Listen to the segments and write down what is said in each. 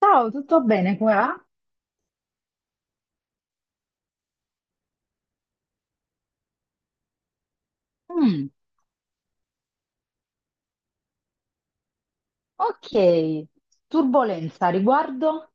Ciao, tutto bene qua? Mm, ok, turbolenza riguardo?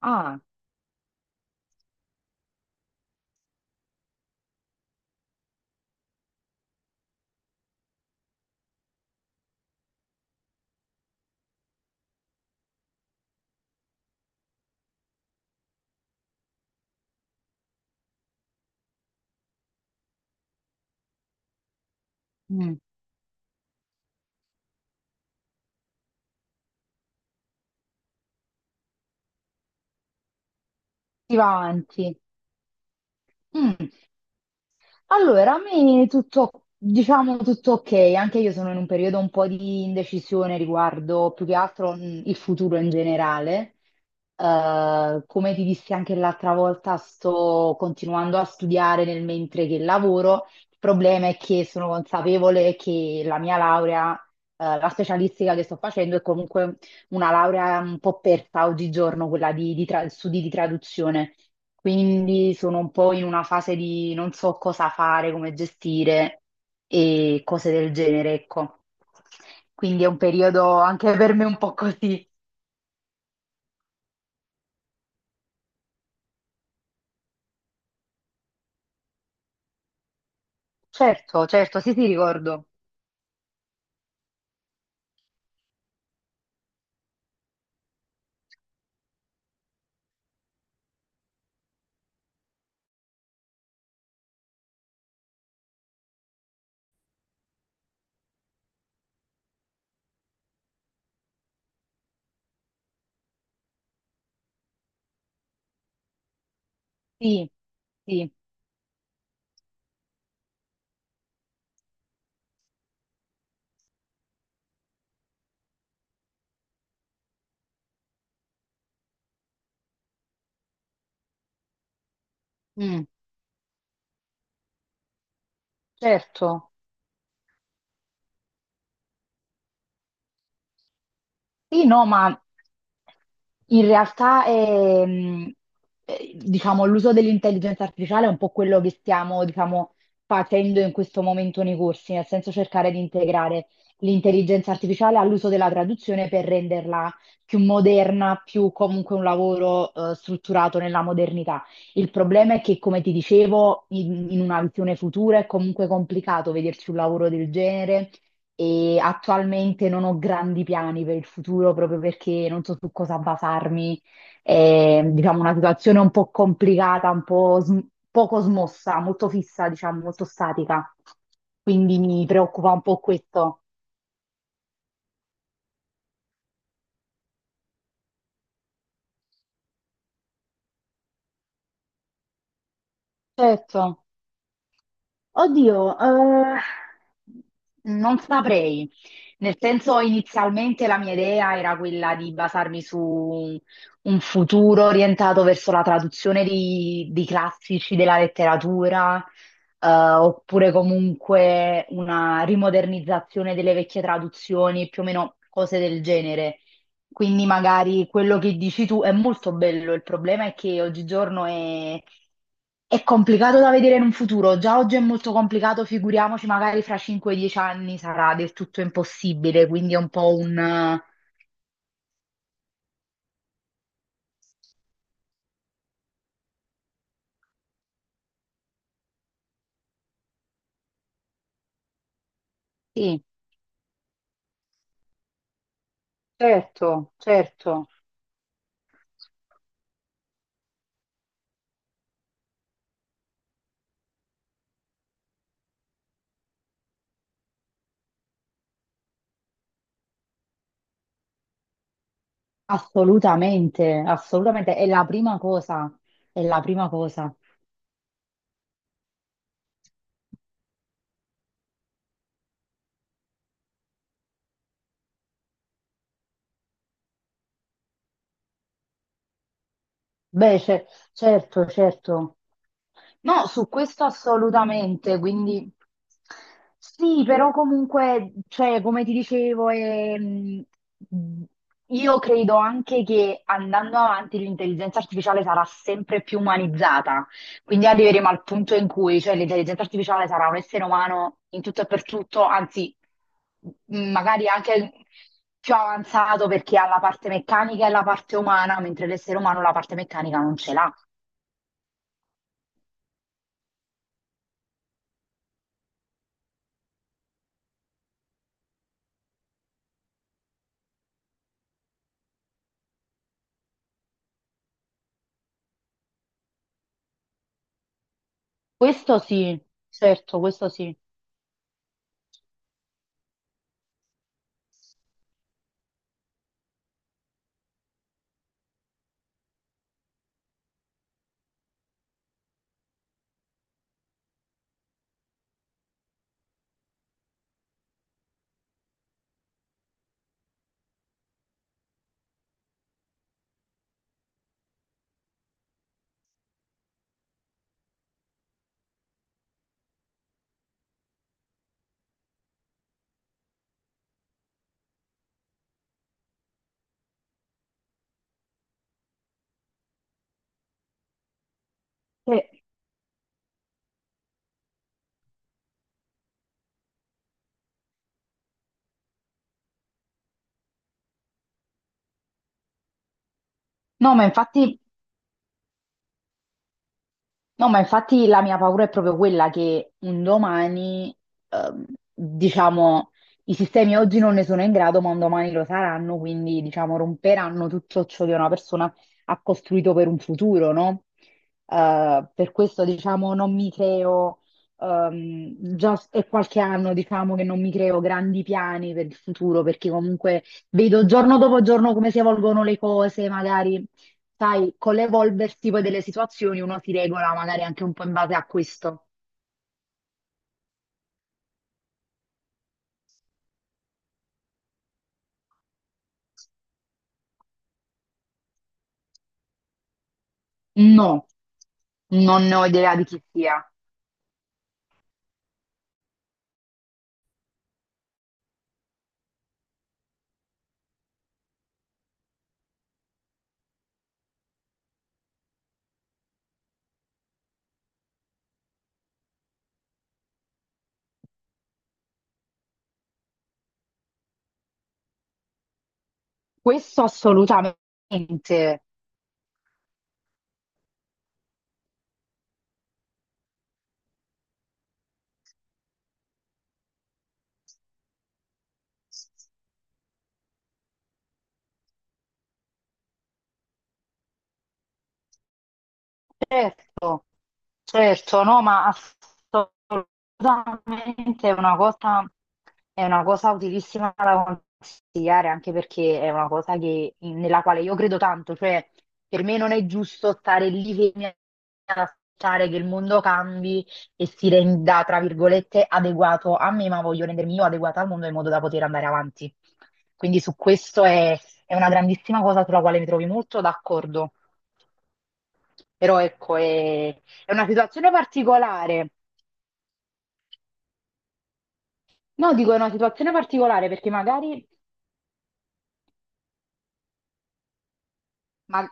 Ah, mm, si va avanti. Allora, a me tutto, diciamo tutto ok, anche io sono in un periodo un po' di indecisione riguardo più che altro il futuro in generale. Come ti dissi anche l'altra volta, sto continuando a studiare nel mentre che lavoro. Il problema è che sono consapevole che la mia laurea, la specialistica che sto facendo è comunque una laurea un po' persa oggigiorno, quella di studi di traduzione. Quindi sono un po' in una fase di non so cosa fare, come gestire e cose del genere, ecco. Quindi è un periodo anche per me un po' così. Certo, certo, sì, sì, ricordo. Sì, sì, mm, certo. Sì, no, ma in realtà diciamo, l'uso dell'intelligenza artificiale è un po' quello che stiamo, diciamo, facendo in questo momento nei corsi, nel senso cercare di integrare l'intelligenza artificiale all'uso della traduzione per renderla più moderna, più comunque un lavoro strutturato nella modernità. Il problema è che, come ti dicevo, in una visione futura è comunque complicato vederci un lavoro del genere e attualmente non ho grandi piani per il futuro proprio perché non so su cosa basarmi. È, diciamo, una situazione un po' complicata, poco smossa, molto fissa, diciamo, molto statica. Quindi mi preoccupa un po' questo. Certo. Oddio, non saprei. Nel senso, inizialmente la mia idea era quella di basarmi su un futuro orientato verso la traduzione di classici della letteratura, oppure comunque una rimodernizzazione delle vecchie traduzioni, più o meno cose del genere. Quindi magari quello che dici tu è molto bello, il problema è che oggigiorno è complicato da vedere in un futuro, già oggi è molto complicato, figuriamoci, magari fra 5-10 anni sarà del tutto impossibile, quindi è un po' un... sì, certo, certo. Assolutamente, assolutamente, è la prima cosa. Beh, ce- certo, certo. No, su questo assolutamente, quindi sì, però comunque, cioè, come ti dicevo, io credo anche che andando avanti l'intelligenza artificiale sarà sempre più umanizzata. Quindi arriveremo al punto in cui, cioè, l'intelligenza artificiale sarà un essere umano in tutto e per tutto, anzi, magari anche più avanzato perché ha la parte meccanica e la parte umana, mentre l'essere umano la parte meccanica non ce l'ha. Questo sì, certo, questo sì. Eh, no, ma infatti la mia paura è proprio quella che un domani, ehm, diciamo, i sistemi oggi non ne sono in grado, ma un domani lo saranno, quindi, diciamo, romperanno tutto ciò che una persona ha costruito per un futuro, no? Per questo, diciamo, non mi creo, già s- è qualche anno, diciamo, che non mi creo grandi piani per il futuro, perché comunque vedo giorno dopo giorno come si evolvono le cose, magari sai, con l'evolversi poi delle situazioni uno si regola magari anche un po' in base a questo. No, non ne ho idea di chi sia. Questo assolutamente. Certo, certo, no, ma assolutamente è una cosa utilissima da consigliare, anche perché è una cosa nella quale io credo tanto, cioè per me non è giusto stare lì fermi ad aspettare che il mondo cambi e si renda, tra virgolette, adeguato a me, ma voglio rendermi io adeguata al mondo in modo da poter andare avanti. Quindi su questo è una grandissima cosa sulla quale mi trovi molto d'accordo. Però ecco, è una situazione particolare. No, dico è una situazione particolare perché magari Ma-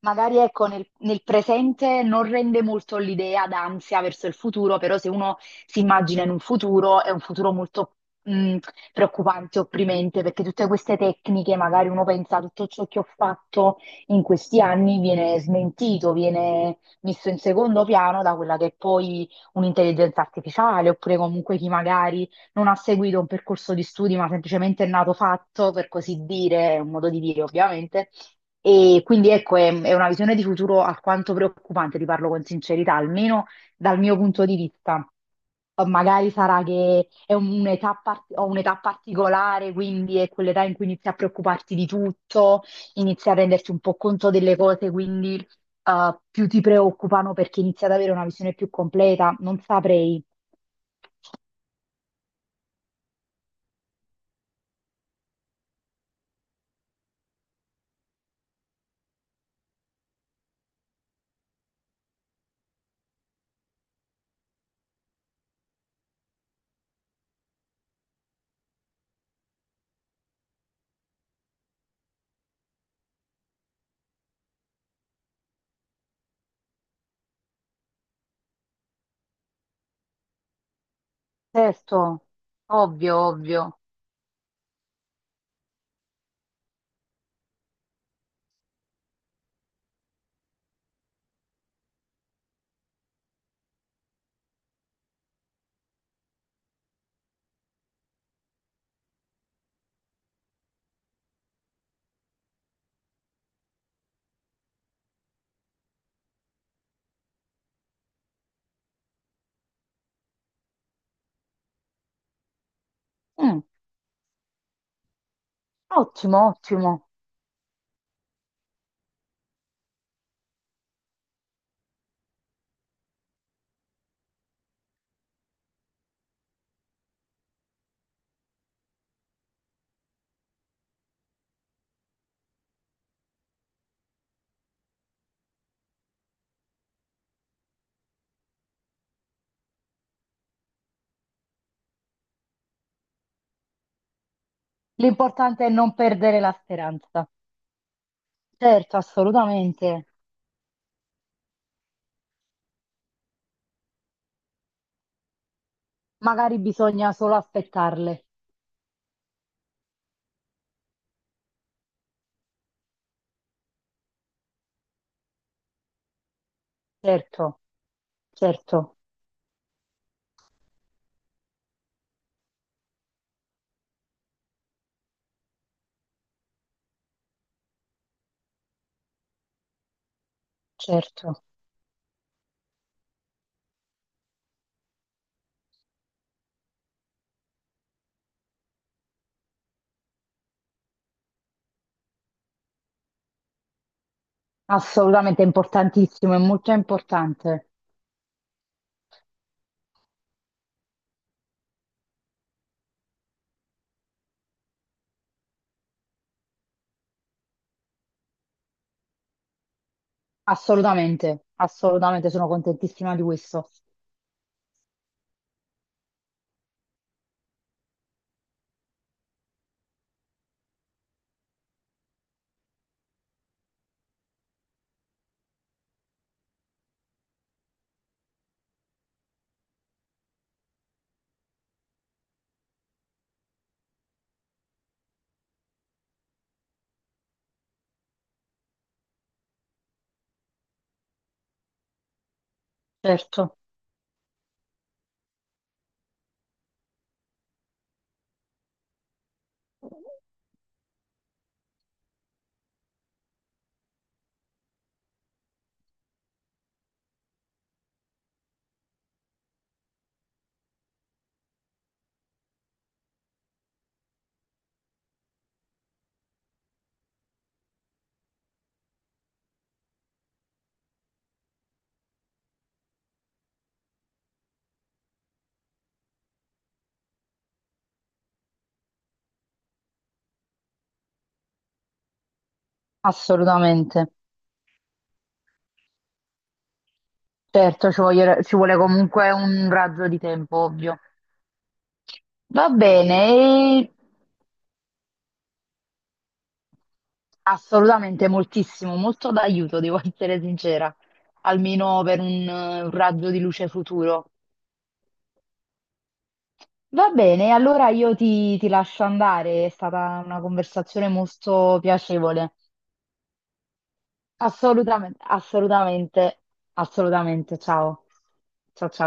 magari ecco, nel presente non rende molto l'idea d'ansia verso il futuro, però se uno si immagina in un futuro, è un futuro molto mh, preoccupante, opprimente, perché tutte queste tecniche, magari uno pensa tutto ciò che ho fatto in questi anni viene smentito, viene messo in secondo piano da quella che è poi un'intelligenza artificiale, oppure comunque chi magari non ha seguito un percorso di studi, ma semplicemente è nato fatto, per così dire, è un modo di dire ovviamente e quindi ecco, è una visione di futuro alquanto preoccupante, ti parlo con sincerità, almeno dal mio punto di vista. Magari sarà che è un'età par- ho un'età particolare, quindi è quell'età in cui inizi a preoccuparti di tutto, inizi a renderti un po' conto delle cose, quindi più ti preoccupano perché inizi ad avere una visione più completa. Non saprei. Certo, ovvio, ovvio. Mm, ottimo, ottimo. L'importante è non perdere la speranza. Certo, assolutamente. Magari bisogna solo aspettarle. Certo, certo, certo. Assolutamente è importantissimo, è molto importante. Assolutamente, assolutamente sono contentissima di questo. Certo, assolutamente. Certo, ci vuole comunque un raggio di tempo, ovvio. Va bene, e assolutamente moltissimo, molto d'aiuto, devo essere sincera, almeno per un raggio di luce futuro. Va bene, allora io ti lascio andare, è stata una conversazione molto piacevole. Assolutamente, assolutamente, assolutamente. Ciao. Ciao ciao.